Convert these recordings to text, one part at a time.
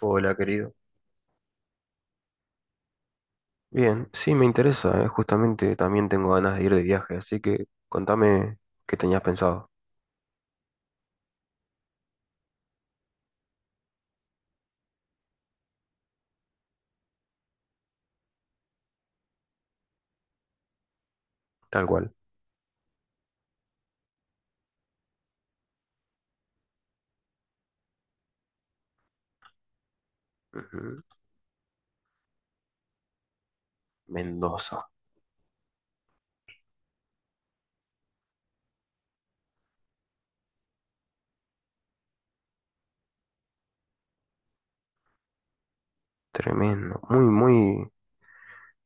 Hola, querido. Bien, sí, me interesa, justamente también tengo ganas de ir de viaje, así que contame qué tenías pensado. Tal cual. Ujú. Mendoza. Tremendo. Muy, muy,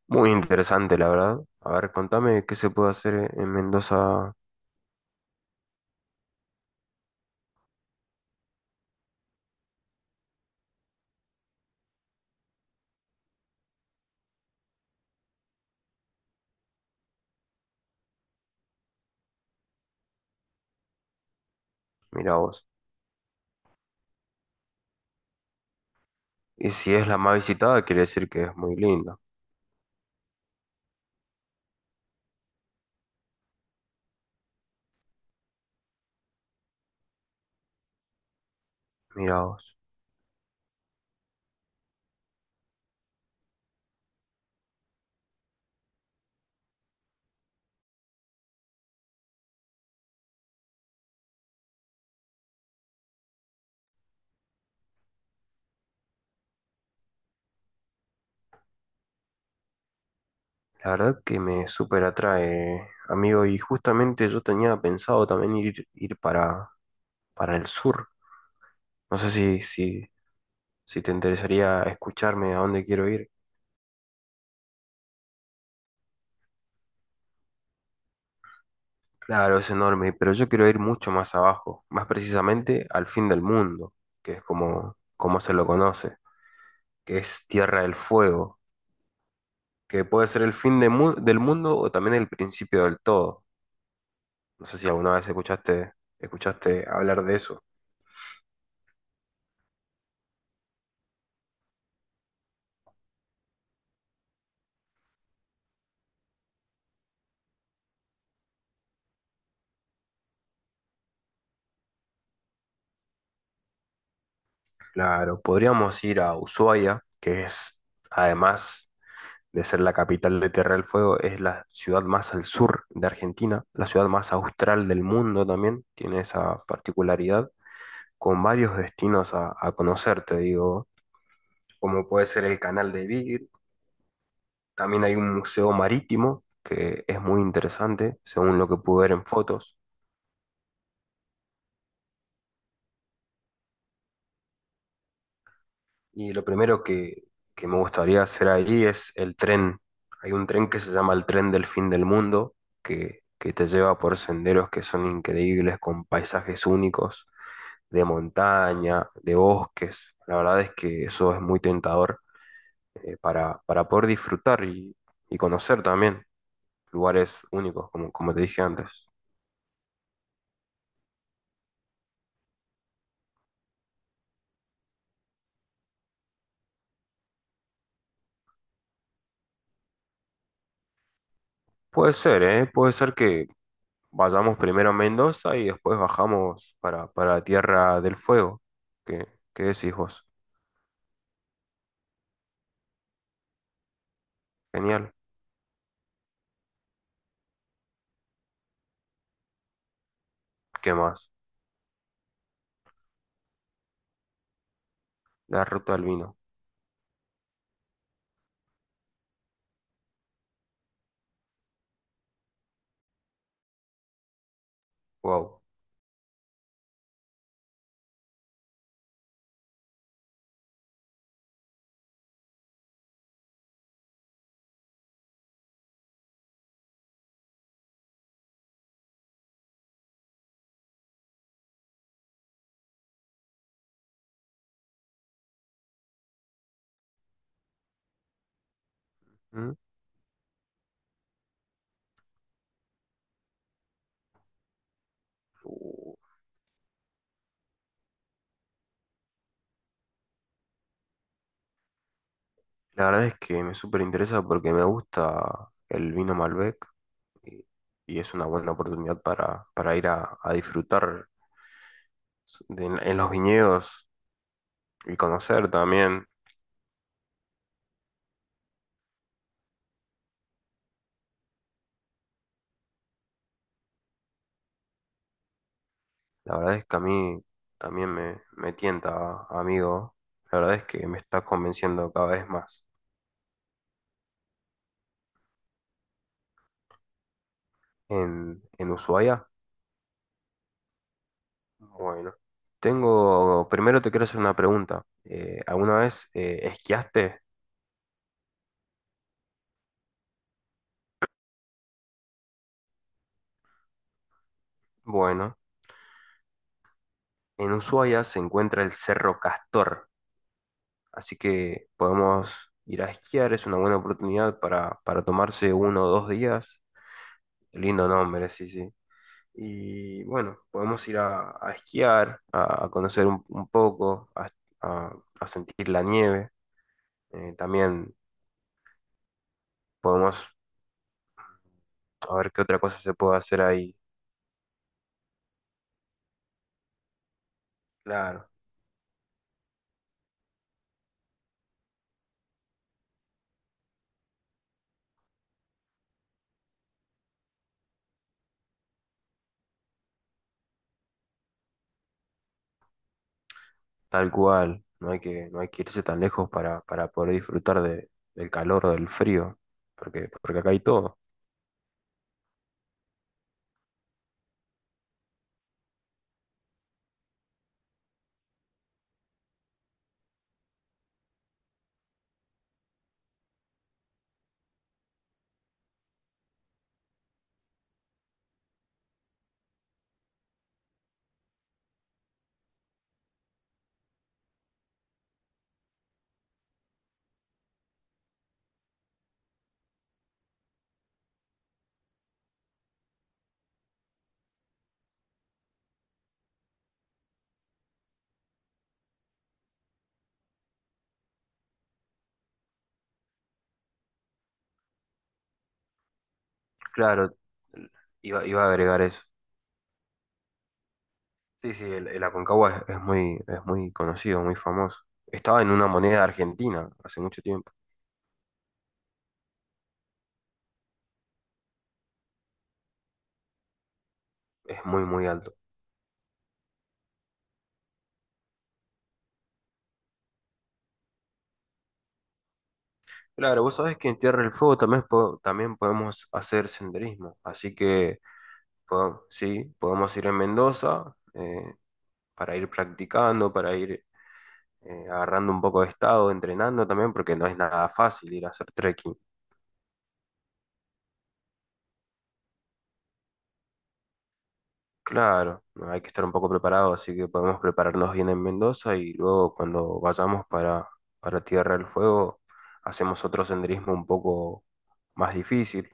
muy interesante, la verdad. A ver, contame qué se puede hacer en Mendoza. Mirá vos. Y si es la más visitada, quiere decir que es muy linda. Mirá vos. La verdad que me súper atrae, amigo. Y justamente yo tenía pensado también ir para el sur. No sé si te interesaría escucharme a dónde quiero ir. Claro, es enorme, pero yo quiero ir mucho más abajo, más precisamente al fin del mundo, que es como se lo conoce, que es Tierra del Fuego, que puede ser el fin de del mundo o también el principio del todo. No sé si alguna vez escuchaste hablar de eso. Claro, podríamos ir a Ushuaia, que es además de ser la capital de Tierra del Fuego, es la ciudad más al sur de Argentina, la ciudad más austral del mundo también, tiene esa particularidad, con varios destinos a conocer, te digo, como puede ser el canal de Beagle, también hay un museo marítimo que es muy interesante, según lo que pude ver en fotos, y lo primero que me gustaría hacer ahí es el tren. Hay un tren que se llama el tren del fin del mundo, que te lleva por senderos que son increíbles, con paisajes únicos de montaña, de bosques. La verdad es que eso es muy tentador, para poder disfrutar y conocer también lugares únicos, como, como te dije antes. Puede ser, ¿eh? Puede ser que vayamos primero a Mendoza y después bajamos para Tierra del Fuego. ¿Qué, qué decís vos? Genial. ¿Qué más? La ruta del vino. Wow. ¿Mm? Uh, La verdad es que me súper interesa porque me gusta el vino Malbec y, y es una buena oportunidad para ir a disfrutar en los viñedos y conocer también. La verdad es que a mí también me tienta, amigo. La verdad es que me está convenciendo cada vez más. En Ushuaia, bueno, tengo, primero te quiero hacer una pregunta. Alguna vez esquiaste? Bueno, en Ushuaia se encuentra el Cerro Castor. Así que podemos ir a esquiar, es una buena oportunidad para tomarse uno o dos días. Lindo nombre, sí, sí. Y bueno, podemos ir a esquiar, a conocer un poco, a- a sentir la nieve. También podemos a ver qué otra cosa se puede hacer ahí. Claro, tal cual. No hay no hay que irse tan lejos para poder disfrutar de, del calor o del frío, porque acá hay todo. Claro, iba, iba a agregar eso. Sí, sí, el Aconcagua es muy conocido, muy famoso. Estaba en una moneda argentina hace mucho tiempo. Es muy, muy alto. Claro, vos sabés que en Tierra del Fuego también, también podemos hacer senderismo. Así que, sí, podemos ir en Mendoza, para ir practicando, para ir, agarrando un poco de estado, entrenando también, porque no es nada fácil ir a hacer trekking. Claro, no, hay que estar un poco preparado, así que podemos prepararnos bien en Mendoza y luego cuando vayamos para Tierra del Fuego hacemos otro senderismo un poco más difícil.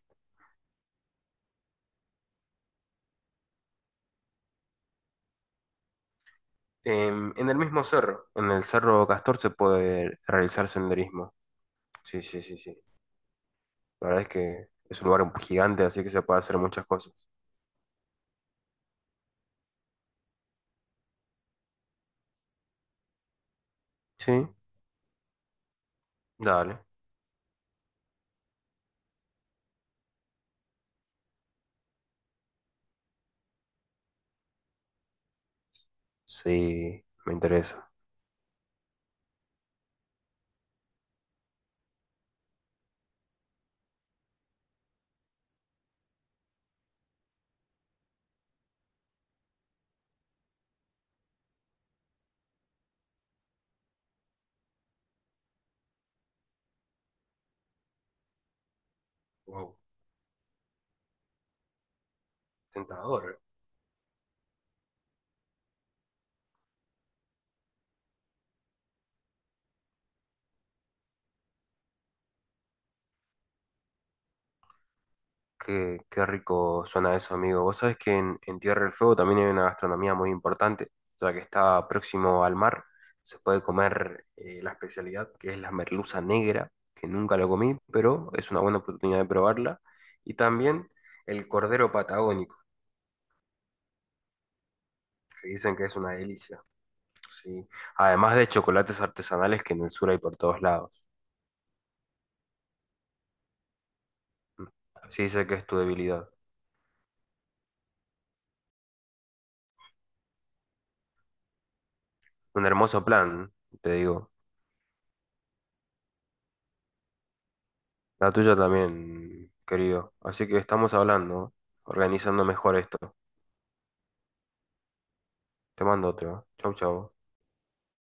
En el mismo cerro, en el Cerro Castor se puede realizar senderismo. Sí, sí, sí, sí. La verdad es que es un lugar gigante, así que se puede hacer muchas cosas. Sí, dale. Sí, me interesa. Wow, tentador. Qué, qué rico suena eso, amigo. Vos sabés que en Tierra del Fuego también hay una gastronomía muy importante, ya que está próximo al mar. Se puede comer, la especialidad que es la merluza negra, que nunca lo comí, pero es una buena oportunidad de probarla. Y también el cordero patagónico, que dicen que es una delicia. Sí. Además de chocolates artesanales que en el sur hay por todos lados. Sí, sé que es tu debilidad. Un hermoso plan, te digo. La tuya también, querido. Así que estamos hablando, organizando mejor esto. Te mando otro. Chau, chau.